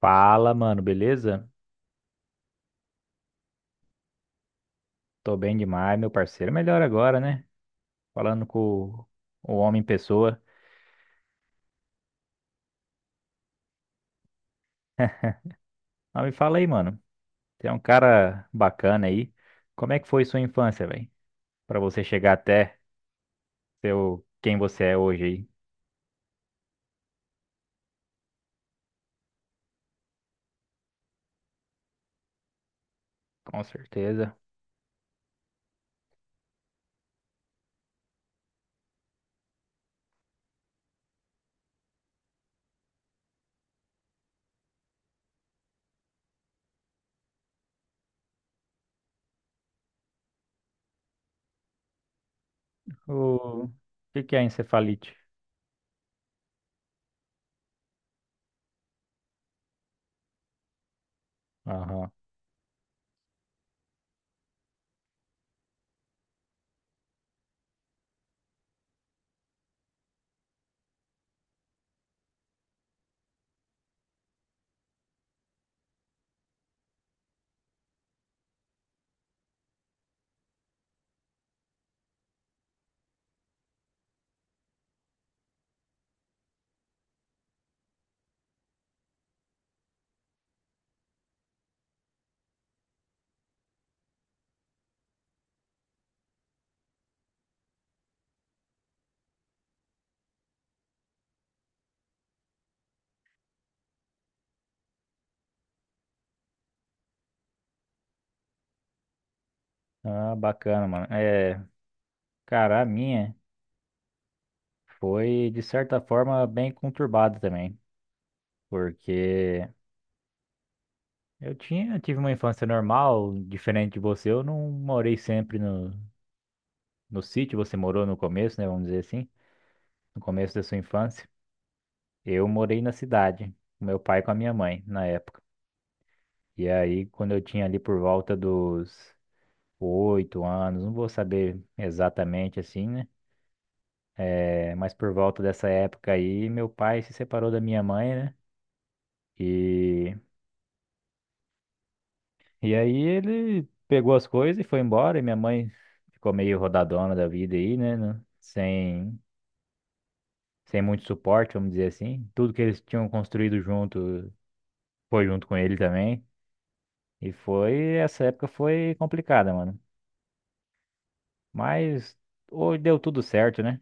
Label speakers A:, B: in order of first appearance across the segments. A: Fala, mano, beleza? Tô bem demais, meu parceiro. Melhor agora, né? Falando com o o homem em pessoa. Mas me fala aí, mano. Você é um cara bacana aí. Como é que foi sua infância, velho? Pra você chegar até ser quem você é hoje aí. Com certeza. O que que é encefalite? Aham. Ah, bacana, mano. É, cara, a minha foi de certa forma bem conturbada também, porque eu tive uma infância normal, diferente de você. Eu não morei sempre no sítio, você morou no começo, né? Vamos dizer assim, no começo da sua infância. Eu morei na cidade, com meu pai e com a minha mãe, na época. E aí, quando eu tinha ali por volta dos 8 anos, não vou saber exatamente assim, né? É, mas por volta dessa época aí, meu pai se separou da minha mãe, né? E E aí ele pegou as coisas e foi embora, e minha mãe ficou meio rodadona da vida aí, né? Sem, sem muito suporte, vamos dizer assim. Tudo que eles tinham construído junto foi junto com ele também. Essa época foi complicada, mano. Mas hoje deu tudo certo, né?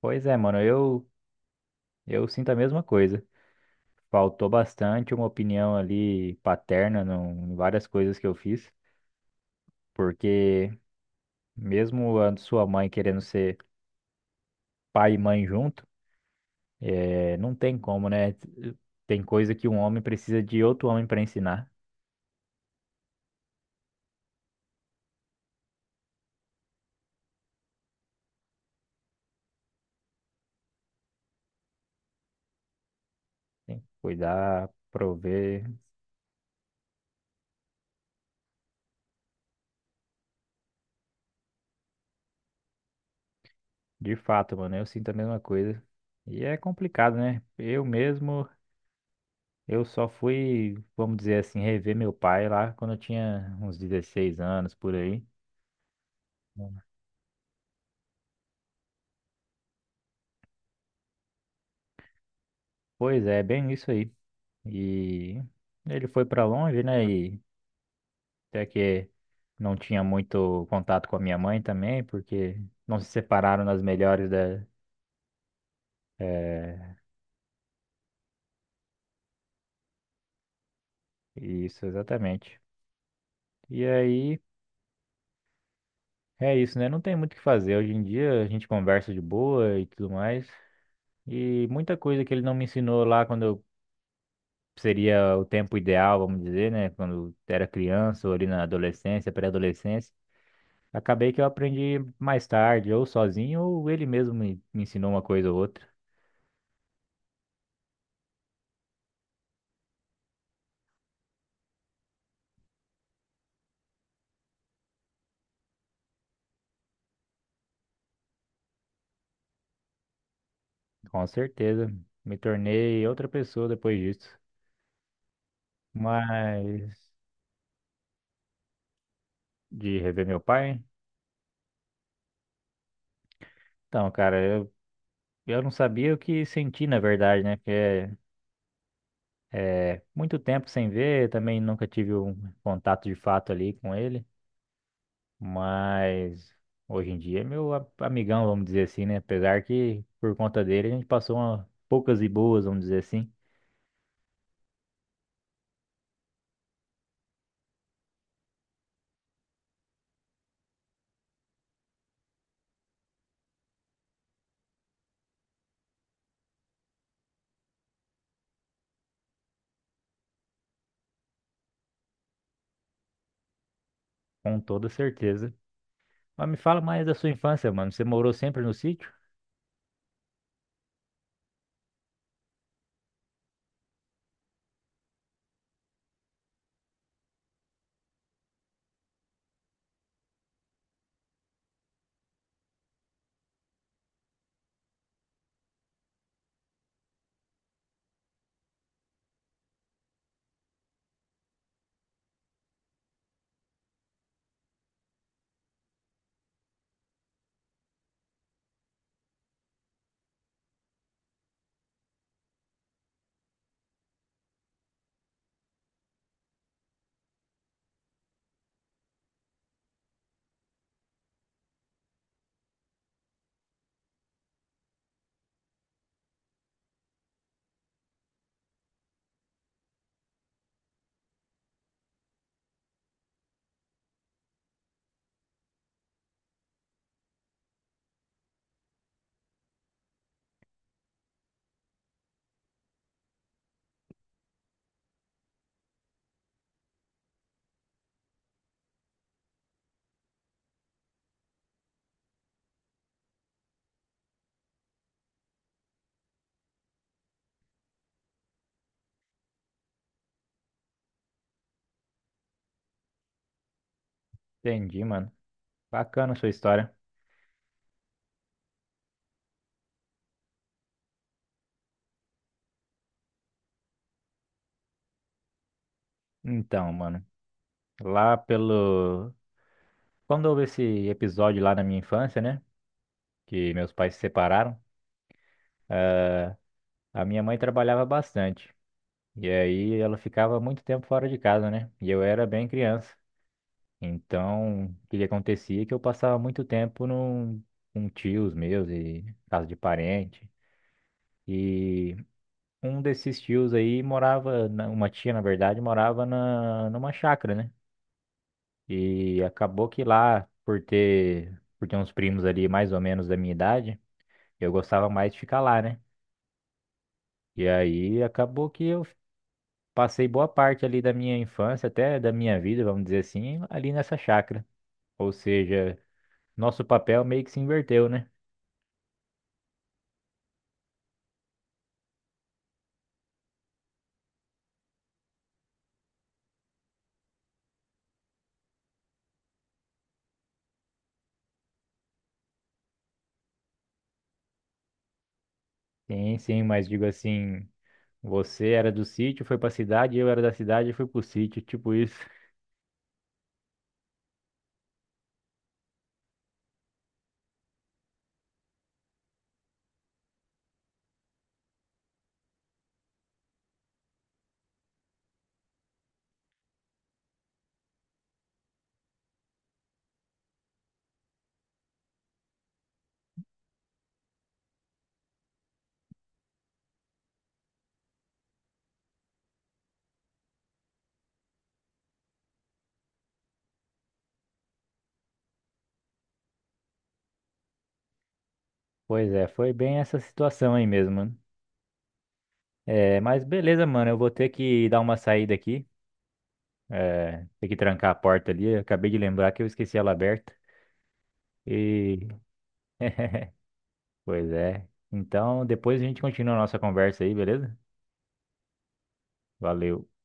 A: Pois é, mano, eu sinto a mesma coisa. Faltou bastante uma opinião ali paterna em várias coisas que eu fiz, porque mesmo a sua mãe querendo ser pai e mãe junto, é, não tem como, né? Tem coisa que um homem precisa de outro homem para ensinar. Tem que cuidar, prover. De fato, mano, eu sinto a mesma coisa. E é complicado, né? Eu mesmo, eu só fui, vamos dizer assim, rever meu pai lá quando eu tinha uns 16 anos por aí. Pois é, bem isso aí. E ele foi pra longe, né? E até que não tinha muito contato com a minha mãe também, porque não se separaram nas melhores da eh, Isso, exatamente. E aí, é isso, né? Não tem muito o que fazer. Hoje em dia a gente conversa de boa e tudo mais. E muita coisa que ele não me ensinou lá quando eu seria o tempo ideal, vamos dizer, né? Quando era criança ou ali na adolescência, pré-adolescência. Acabei que eu aprendi mais tarde, ou sozinho, ou ele mesmo me ensinou uma coisa ou outra. Com certeza. Me tornei outra pessoa depois disso. Mas de rever meu pai. Então, cara, Eu não sabia o que senti, na verdade, né? Porque é muito tempo sem ver, também nunca tive um contato de fato ali com ele, mas hoje em dia é meu amigão, vamos dizer assim, né? Apesar que por conta dele a gente passou poucas e boas, vamos dizer assim, com toda certeza. Mas me fala mais da sua infância, mano. Você morou sempre no sítio? Entendi, mano. Bacana a sua história. Então, mano, lá pelo. Quando houve esse episódio lá na minha infância, né? Que meus pais se separaram. A minha mãe trabalhava bastante. E aí ela ficava muito tempo fora de casa, né? E eu era bem criança. Então, o que que acontecia é que eu passava muito tempo com tios meus e casa de parente. E um desses tios aí morava, uma tia, na verdade, morava numa chácara, né? E acabou que lá, por ter uns primos ali mais ou menos da minha idade, eu gostava mais de ficar lá, né? E aí acabou que eu passei boa parte ali da minha infância, até da minha vida, vamos dizer assim, ali nessa chácara. Ou seja, nosso papel meio que se inverteu, né? Sim, sim, mas digo assim, você era do sítio, foi pra cidade, eu era da cidade e fui pro sítio, tipo isso. Pois é, foi bem essa situação aí mesmo, mano. É, mas beleza, mano, eu vou ter que dar uma saída aqui, é, ter que trancar a porta ali, eu acabei de lembrar que eu esqueci ela aberta. E... Pois é. Então, depois a gente continua a nossa conversa aí, beleza? Valeu.